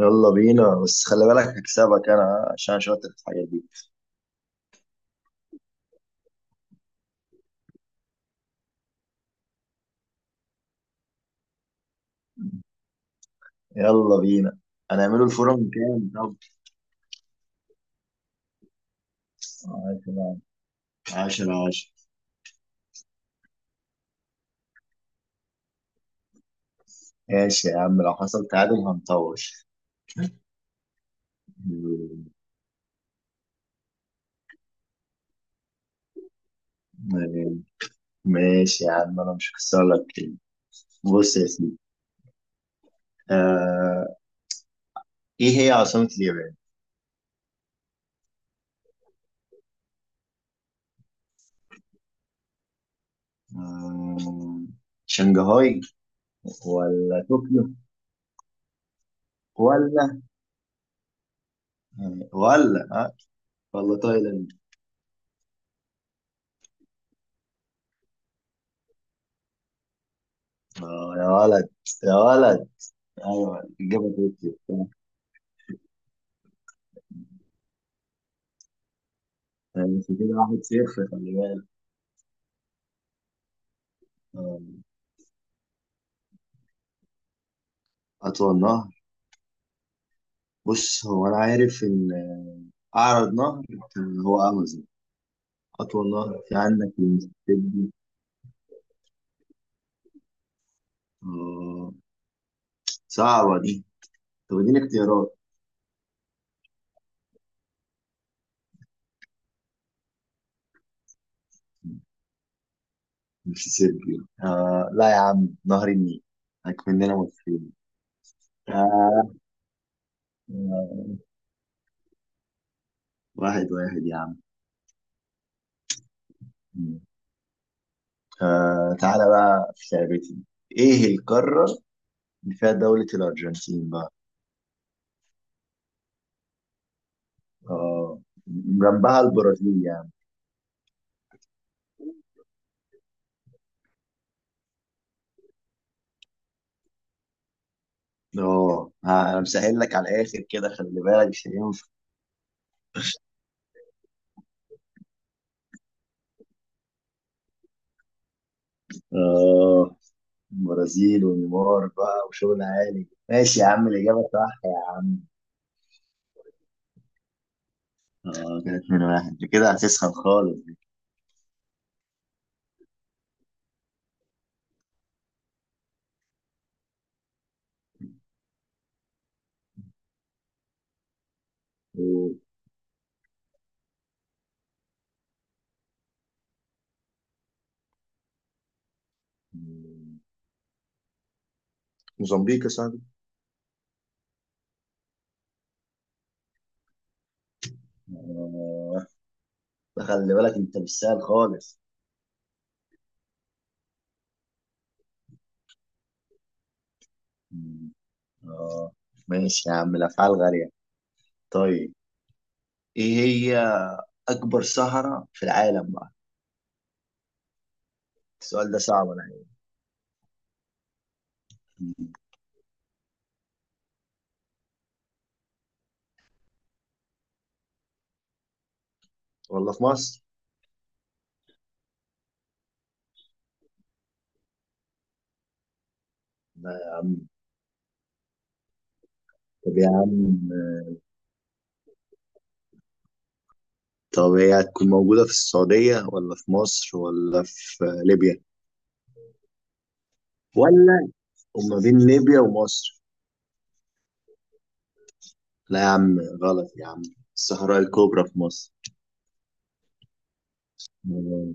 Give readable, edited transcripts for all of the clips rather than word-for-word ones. يلا بينا، بس خلي بالك هكسبك انا عشان شاطر في الحاجات دي. يلا بينا. هنعمله الفورم كام طب؟ 10 10 10. ماشي يا عم، لو حصل تعادل هنطور. م- ماشي يا عم انا مش هكسر لك كلمة. بص يا سيدي. آه ايه هي عاصمة اليابان؟ آه شنغهاي، ولا طوكيو، ولا ولا ولا تايلاند. يا ولد، يا ولد. ايوه جبل روكي بتاع. بس كده 1-0، خلي بالك. آم، اطول نهر. بص هو انا عارف ان، اعرض نهر، كان هو امازون. اطول نهر في عندك المسيسيبي. آه، صعبه دي. طب اديني اختيارات. المسيسيبي. لا يا عم، نهر النيل. اكملنا مصريين. آه 1-1 يا عم. تعالى بقى في لعبتي. ايه القارة اللي فيها دولة الارجنتين بقى؟ اه، جنبها البرازيل يعني. اه، انا مسهل لك على الاخر كده، خلي بالك مش هينفع. اه، برازيل ونيمار بقى وشغل عالي. ماشي يا عم، الاجابه صح يا عم. اه، كده 2-1، انت كده هتسخن خالص. أوه. موزمبيق يا صاحبي. اه، ده خلي بالك، انت مش سهل خالص. مم. اه، ماشي يا عم، الافعال غاليه. طيب، ايه هي اكبر صحراء في العالم بقى؟ السؤال ده صعب. انا عارف والله، في مصر. لا يا عم. طب يا عم. طب هي هتكون موجودة في السعودية ولا في مصر ولا في ليبيا، ولا وما بين ليبيا ومصر؟ لا يا عم، غلط يا عم. الصحراء الكبرى في مصر. آه،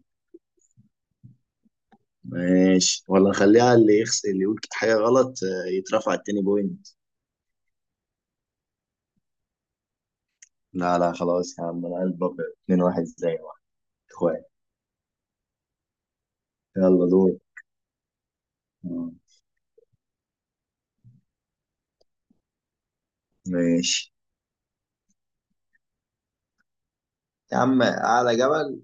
ماشي، ولا نخليها اللي يخس اللي يقول حاجة غلط يترفع التاني بوينت؟ لا، لا، خلاص يا عم، انا قلب أبيض. 2-1 زي واحد، اخوان. يلا دور. آه، ماشي يا عم، أعلى جبل.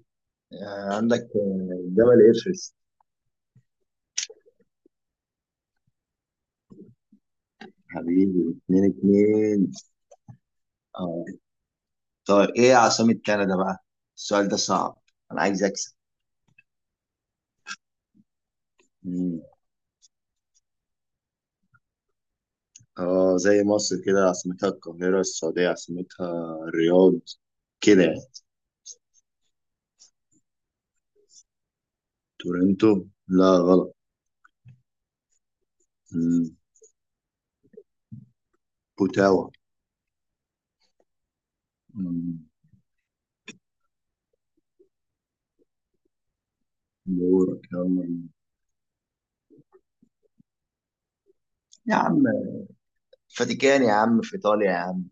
عندك جبل إيفرست. حبيبي، 2-2. اه، طيب ايه عاصمة كندا بقى؟ السؤال ده صعب، انا عايز اكسب. مم. اه، زي مصر كده عاصمتها القاهرة، السعودية عاصمتها الرياض، كده يعني. تورنتو. لا، غلط. مم. بوتاوا. مم. دورك، يلا. يا عم فاتيكان يا عم، في ايطاليا يا عم.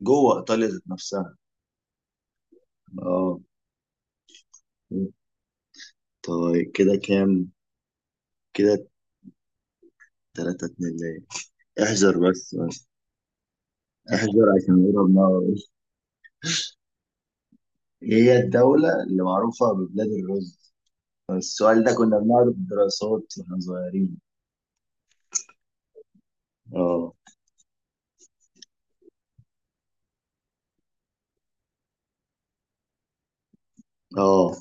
جوه ايطاليا ذات نفسها. اه. طيب، كده كام؟ كده 3-2 ليه. احذر بس بس. احذر عشان نقرب نار. هي الدولة اللي معروفة ببلاد الرز. السؤال ده كنا بنقعد في الدراسات واحنا صغيرين. اه. اه،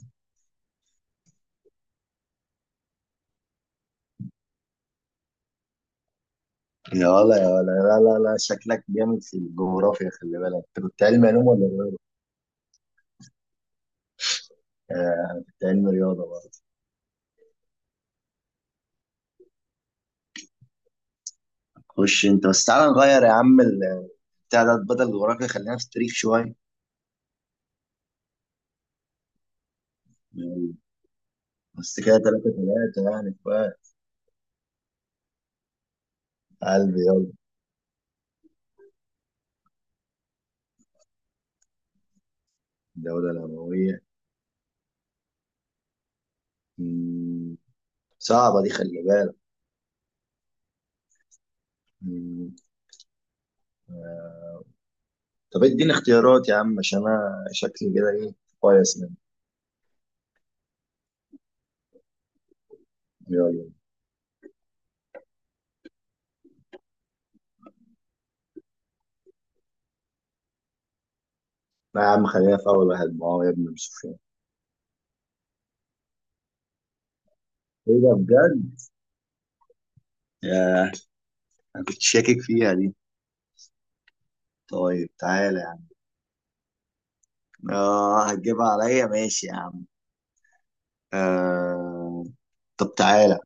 يا ولا يا ولا، لا لا لا، شكلك جامد في الجغرافيا. خلي بالك، انت كنت علم علوم ولا إيه؟ آه، أنا كنت علم رياضة برضه. خش انت، بس تعالى نغير يا عم بتاع ده، بدل الجغرافيا خلينا في التاريخ شوية. يلا. بس كده 3-3 يعني بقى. قلبي يلا. الدولة الأموية. مم. صعبة دي، خلي بالك. مم. آه. طب اديني اختيارات يا عم، عشان انا شكلي كده ايه كويس منه. يلا. لا يا عم، خلينا في اول واحد، ما هو يا ابن سفيان. ايه ده بجد. ياه. انا كنت شاكك فيها دي. طيب تعالى يا عم. اه، هتجيبها عليا، ماشي يا عم. آه طب تعالى،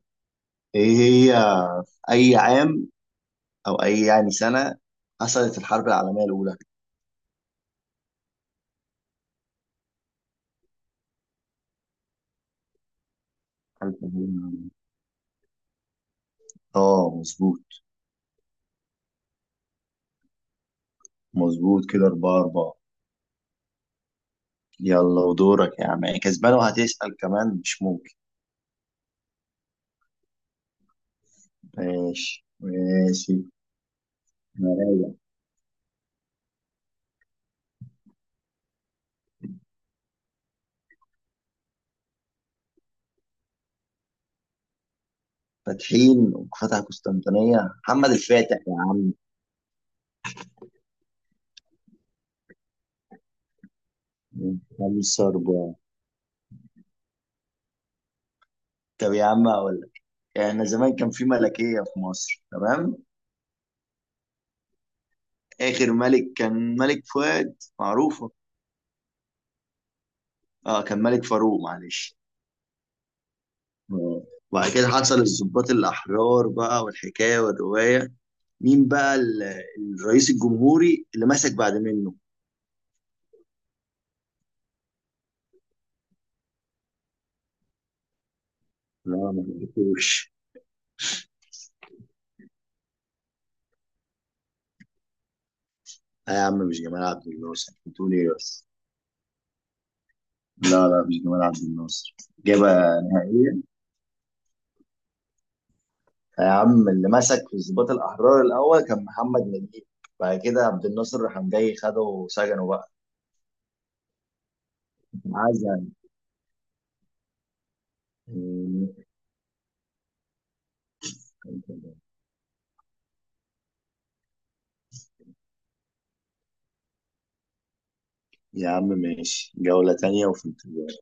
ايه هي في اي عام او اي يعني سنة حصلت الحرب العالمية الاولى؟ الحرب العالمية الأولى. اه، مظبوط. مظبوط، كده 4-4. يلا ودورك يا عم، يعني كسبان وهتسأل كمان؟ مش ممكن. ماشي ماشي. مرايا. فاتحين وفتح قسطنطينية، محمد الفاتح يا عم. من 5-4. طب يا عم هقول لك. احنا زمان كان في ملكية في مصر، تمام؟ آخر ملك كان ملك فؤاد، معروفة. اه، كان ملك فاروق، معلش. آه. وبعد كده حصل الضباط الأحرار بقى والحكاية والرواية. مين بقى الرئيس الجمهوري اللي مسك بعد منه؟ لا، ما حبيتهوش. يا عم مش جمال عبد الناصر، بتقول ايه بس. لا لا، مش جمال عبد الناصر. إجابة نهائية. يا عم اللي مسك في الضباط الأحرار الأول كان محمد نجيب، بعد كده عبد الناصر راح جاي خده وسجنه بقى. عزل. يا عم ماشي، جولة تانية وفي انتظار.